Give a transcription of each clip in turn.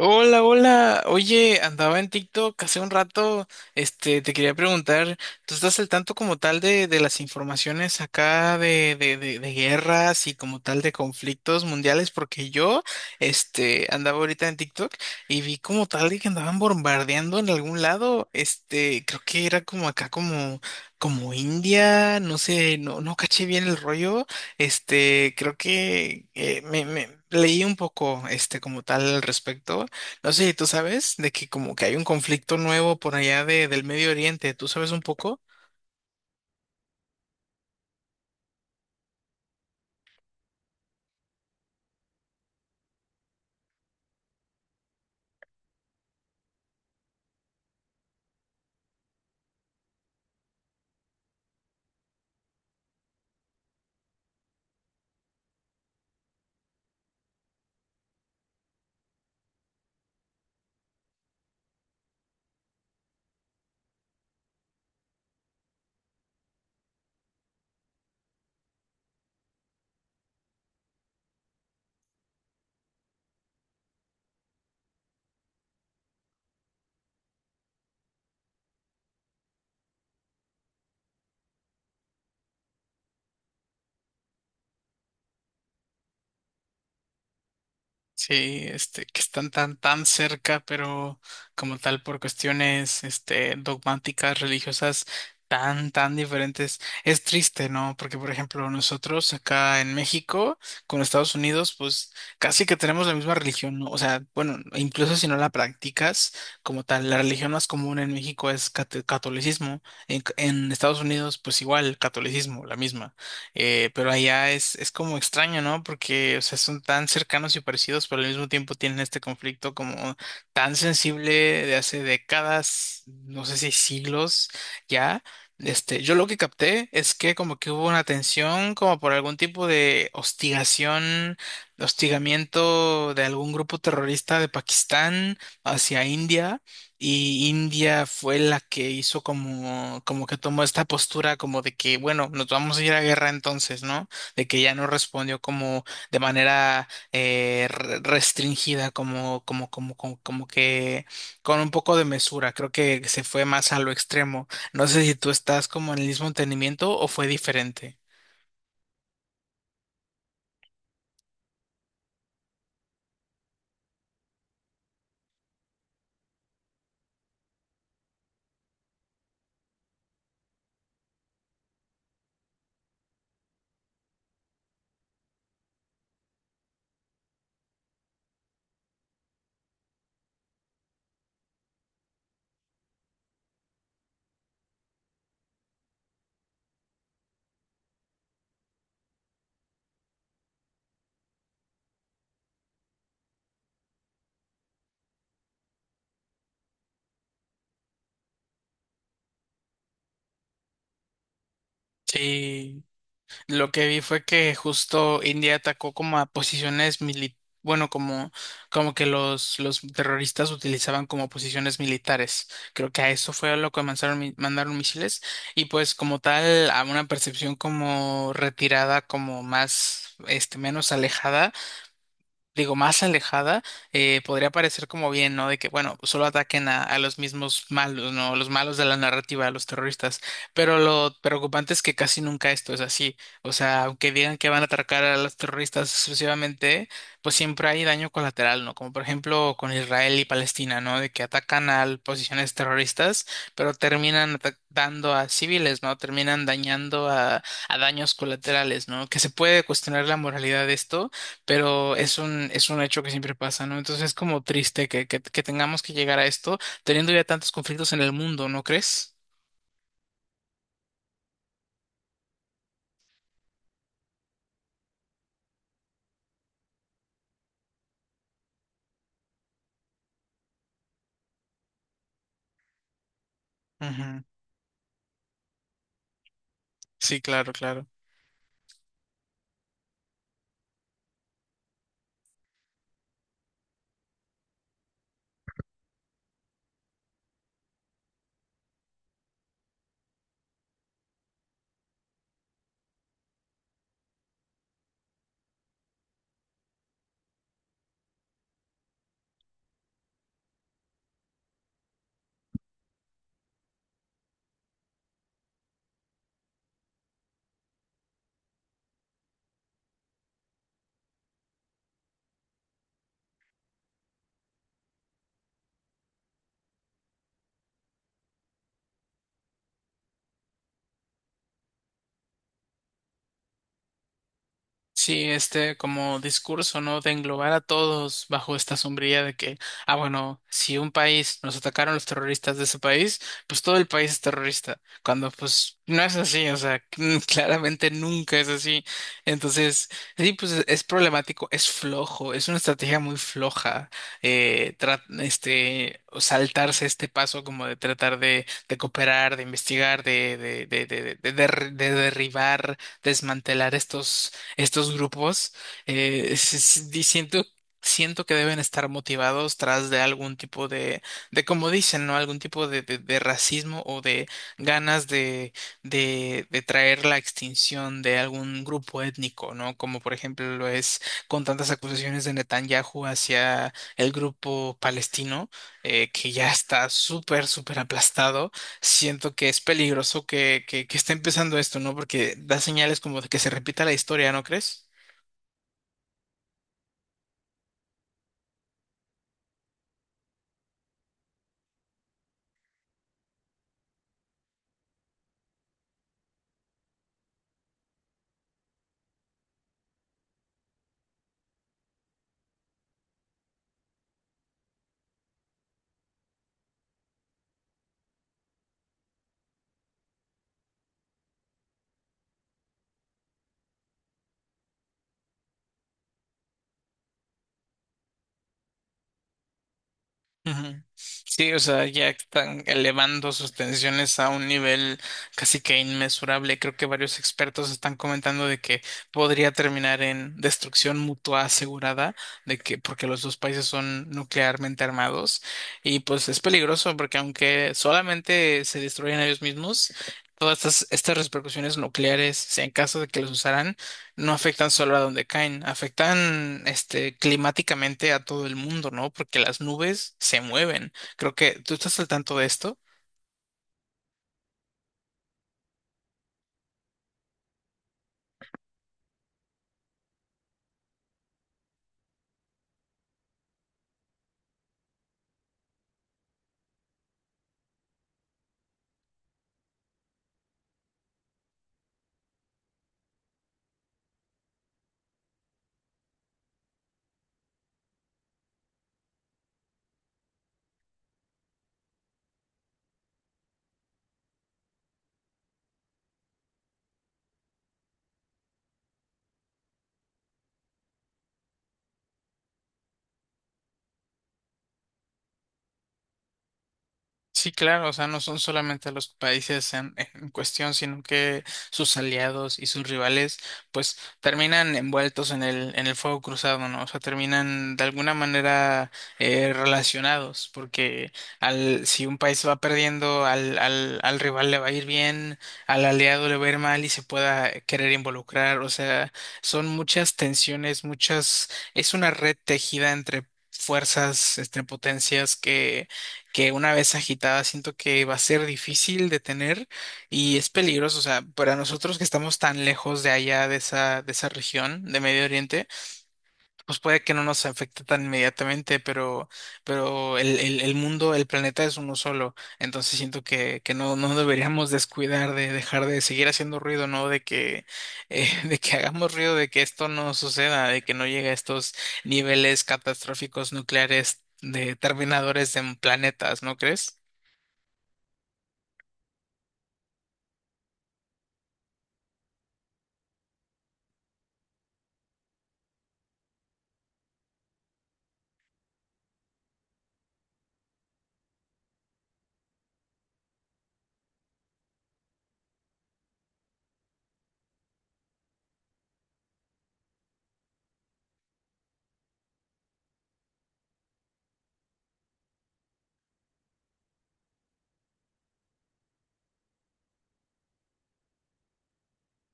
Hola, hola. Oye, andaba en TikTok hace un rato. Te quería preguntar, ¿tú estás al tanto como tal de las informaciones acá de guerras y como tal de conflictos mundiales? Porque yo andaba ahorita en TikTok y vi como tal de que andaban bombardeando en algún lado. Creo que era como acá como India, no sé, no caché bien el rollo. Creo que me leí un poco, como tal al respecto, no sé. ¿Tú sabes de que como que hay un conflicto nuevo por allá del Medio Oriente? ¿Tú sabes un poco? Sí, que están tan cerca, pero como tal por cuestiones, dogmáticas, religiosas, tan diferentes. Es triste, ¿no? Porque, por ejemplo, nosotros acá en México, con Estados Unidos, pues casi que tenemos la misma religión, ¿no? O sea, bueno, incluso si no la practicas como tal, la religión más común en México es catolicismo. En Estados Unidos, pues igual, catolicismo, la misma. Pero allá es como extraño, ¿no? Porque, o sea, son tan cercanos y parecidos, pero al mismo tiempo tienen este conflicto como tan sensible de hace décadas, no sé si siglos ya. Yo lo que capté es que como que hubo una tensión, como por algún tipo de hostigación, hostigamiento de algún grupo terrorista de Pakistán hacia India. Y India fue la que hizo como, como que tomó esta postura como de que, bueno, nos vamos a ir a guerra entonces, ¿no? De que ya no respondió como de manera restringida, como que con un poco de mesura. Creo que se fue más a lo extremo. No sé si tú estás como en el mismo entendimiento o fue diferente. Sí. Lo que vi fue que justo India atacó como a posiciones bueno, como, como que los terroristas utilizaban como posiciones militares. Creo que a eso fue a lo que mandaron, mandaron misiles y pues como tal a una percepción como retirada, como más, menos alejada, digo, más alejada. Podría parecer como bien, ¿no? De que, bueno, pues, solo ataquen a los mismos malos, ¿no? Los malos de la narrativa, a los terroristas. Pero lo preocupante es que casi nunca esto es así. O sea, aunque digan que van a atacar a los terroristas exclusivamente, pues siempre hay daño colateral, ¿no? Como por ejemplo con Israel y Palestina, ¿no? De que atacan a posiciones terroristas, pero terminan atacando a civiles, ¿no? Terminan dañando a daños colaterales, ¿no? Que se puede cuestionar la moralidad de esto, pero es un hecho que siempre pasa, ¿no? Entonces es como triste que que tengamos que llegar a esto teniendo ya tantos conflictos en el mundo, ¿no crees? Ujú. Sí, claro, claro. Sí, este como discurso, ¿no? De englobar a todos bajo esta sombrilla de que, ah, bueno, si un país nos atacaron los terroristas de ese país, pues todo el país es terrorista, cuando pues no es así, o sea, claramente nunca es así. Entonces, sí, pues es problemático, es flojo, es una estrategia muy floja. O saltarse este paso como de tratar de cooperar, de investigar, de derribar, desmantelar estos grupos. Siento, siento que deben estar motivados tras de algún tipo de como dicen, ¿no? Algún tipo de racismo o de ganas de traer la extinción de algún grupo étnico, ¿no? Como por ejemplo lo es con tantas acusaciones de Netanyahu hacia el grupo palestino, que ya está súper, súper aplastado. Siento que es peligroso que que esté empezando esto, ¿no? Porque da señales como de que se repita la historia, ¿no crees? Ujú. Sí, o sea, ya están elevando sus tensiones a un nivel casi que inmesurable. Creo que varios expertos están comentando de que podría terminar en destrucción mutua asegurada, de que porque los dos países son nuclearmente armados y pues es peligroso porque aunque solamente se destruyen ellos mismos, todas estas repercusiones nucleares, si en caso de que los usaran, no afectan solo a donde caen, afectan este climáticamente a todo el mundo, ¿no? Porque las nubes se mueven. Creo que tú estás al tanto de esto. Sí, claro, o sea, no son solamente los países en cuestión, sino que sus aliados y sus rivales, pues terminan envueltos en en el fuego cruzado, ¿no? O sea, terminan de alguna manera relacionados, porque si un país va perdiendo, al rival le va a ir bien, al aliado le va a ir mal y se pueda querer involucrar. O sea, son muchas tensiones, muchas, es una red tejida entre fuerzas, entre potencias que una vez agitada siento que va a ser difícil de tener y es peligroso. O sea, para nosotros que estamos tan lejos de allá, de esa región de Medio Oriente, pues puede que no nos afecte tan inmediatamente, pero el, el mundo, el planeta es uno solo. Entonces siento que no deberíamos descuidar de dejar de seguir haciendo ruido, ¿no? De que, de que hagamos ruido, de que esto no suceda, de que no llegue a estos niveles catastróficos nucleares, de terminadores en planetas, ¿no crees?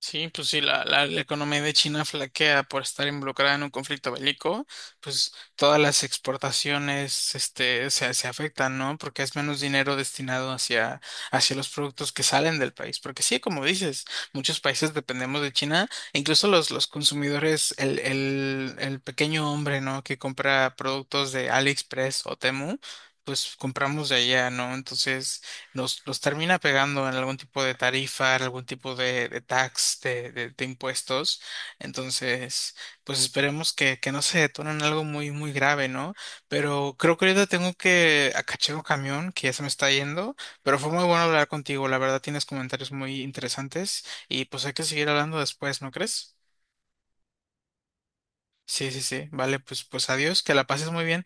Sí, pues sí, la economía de China flaquea por estar involucrada en un conflicto bélico, pues todas las exportaciones este, se afectan, ¿no? Porque es menos dinero destinado hacia, hacia los productos que salen del país. Porque sí, como dices, muchos países dependemos de China, e incluso los consumidores, el pequeño hombre, ¿no? Que compra productos de AliExpress o Temu, pues compramos de allá, ¿no? Entonces, nos los termina pegando en algún tipo de tarifa, en algún tipo de tax, de impuestos. Entonces, pues esperemos que no se detone en algo muy, muy grave, ¿no? Pero creo que ahorita tengo que acachar un camión que ya se me está yendo, pero fue muy bueno hablar contigo. La verdad, tienes comentarios muy interesantes y pues hay que seguir hablando después, ¿no crees? Sí, sí, sí. Vale, pues, pues adiós, que la pases muy bien.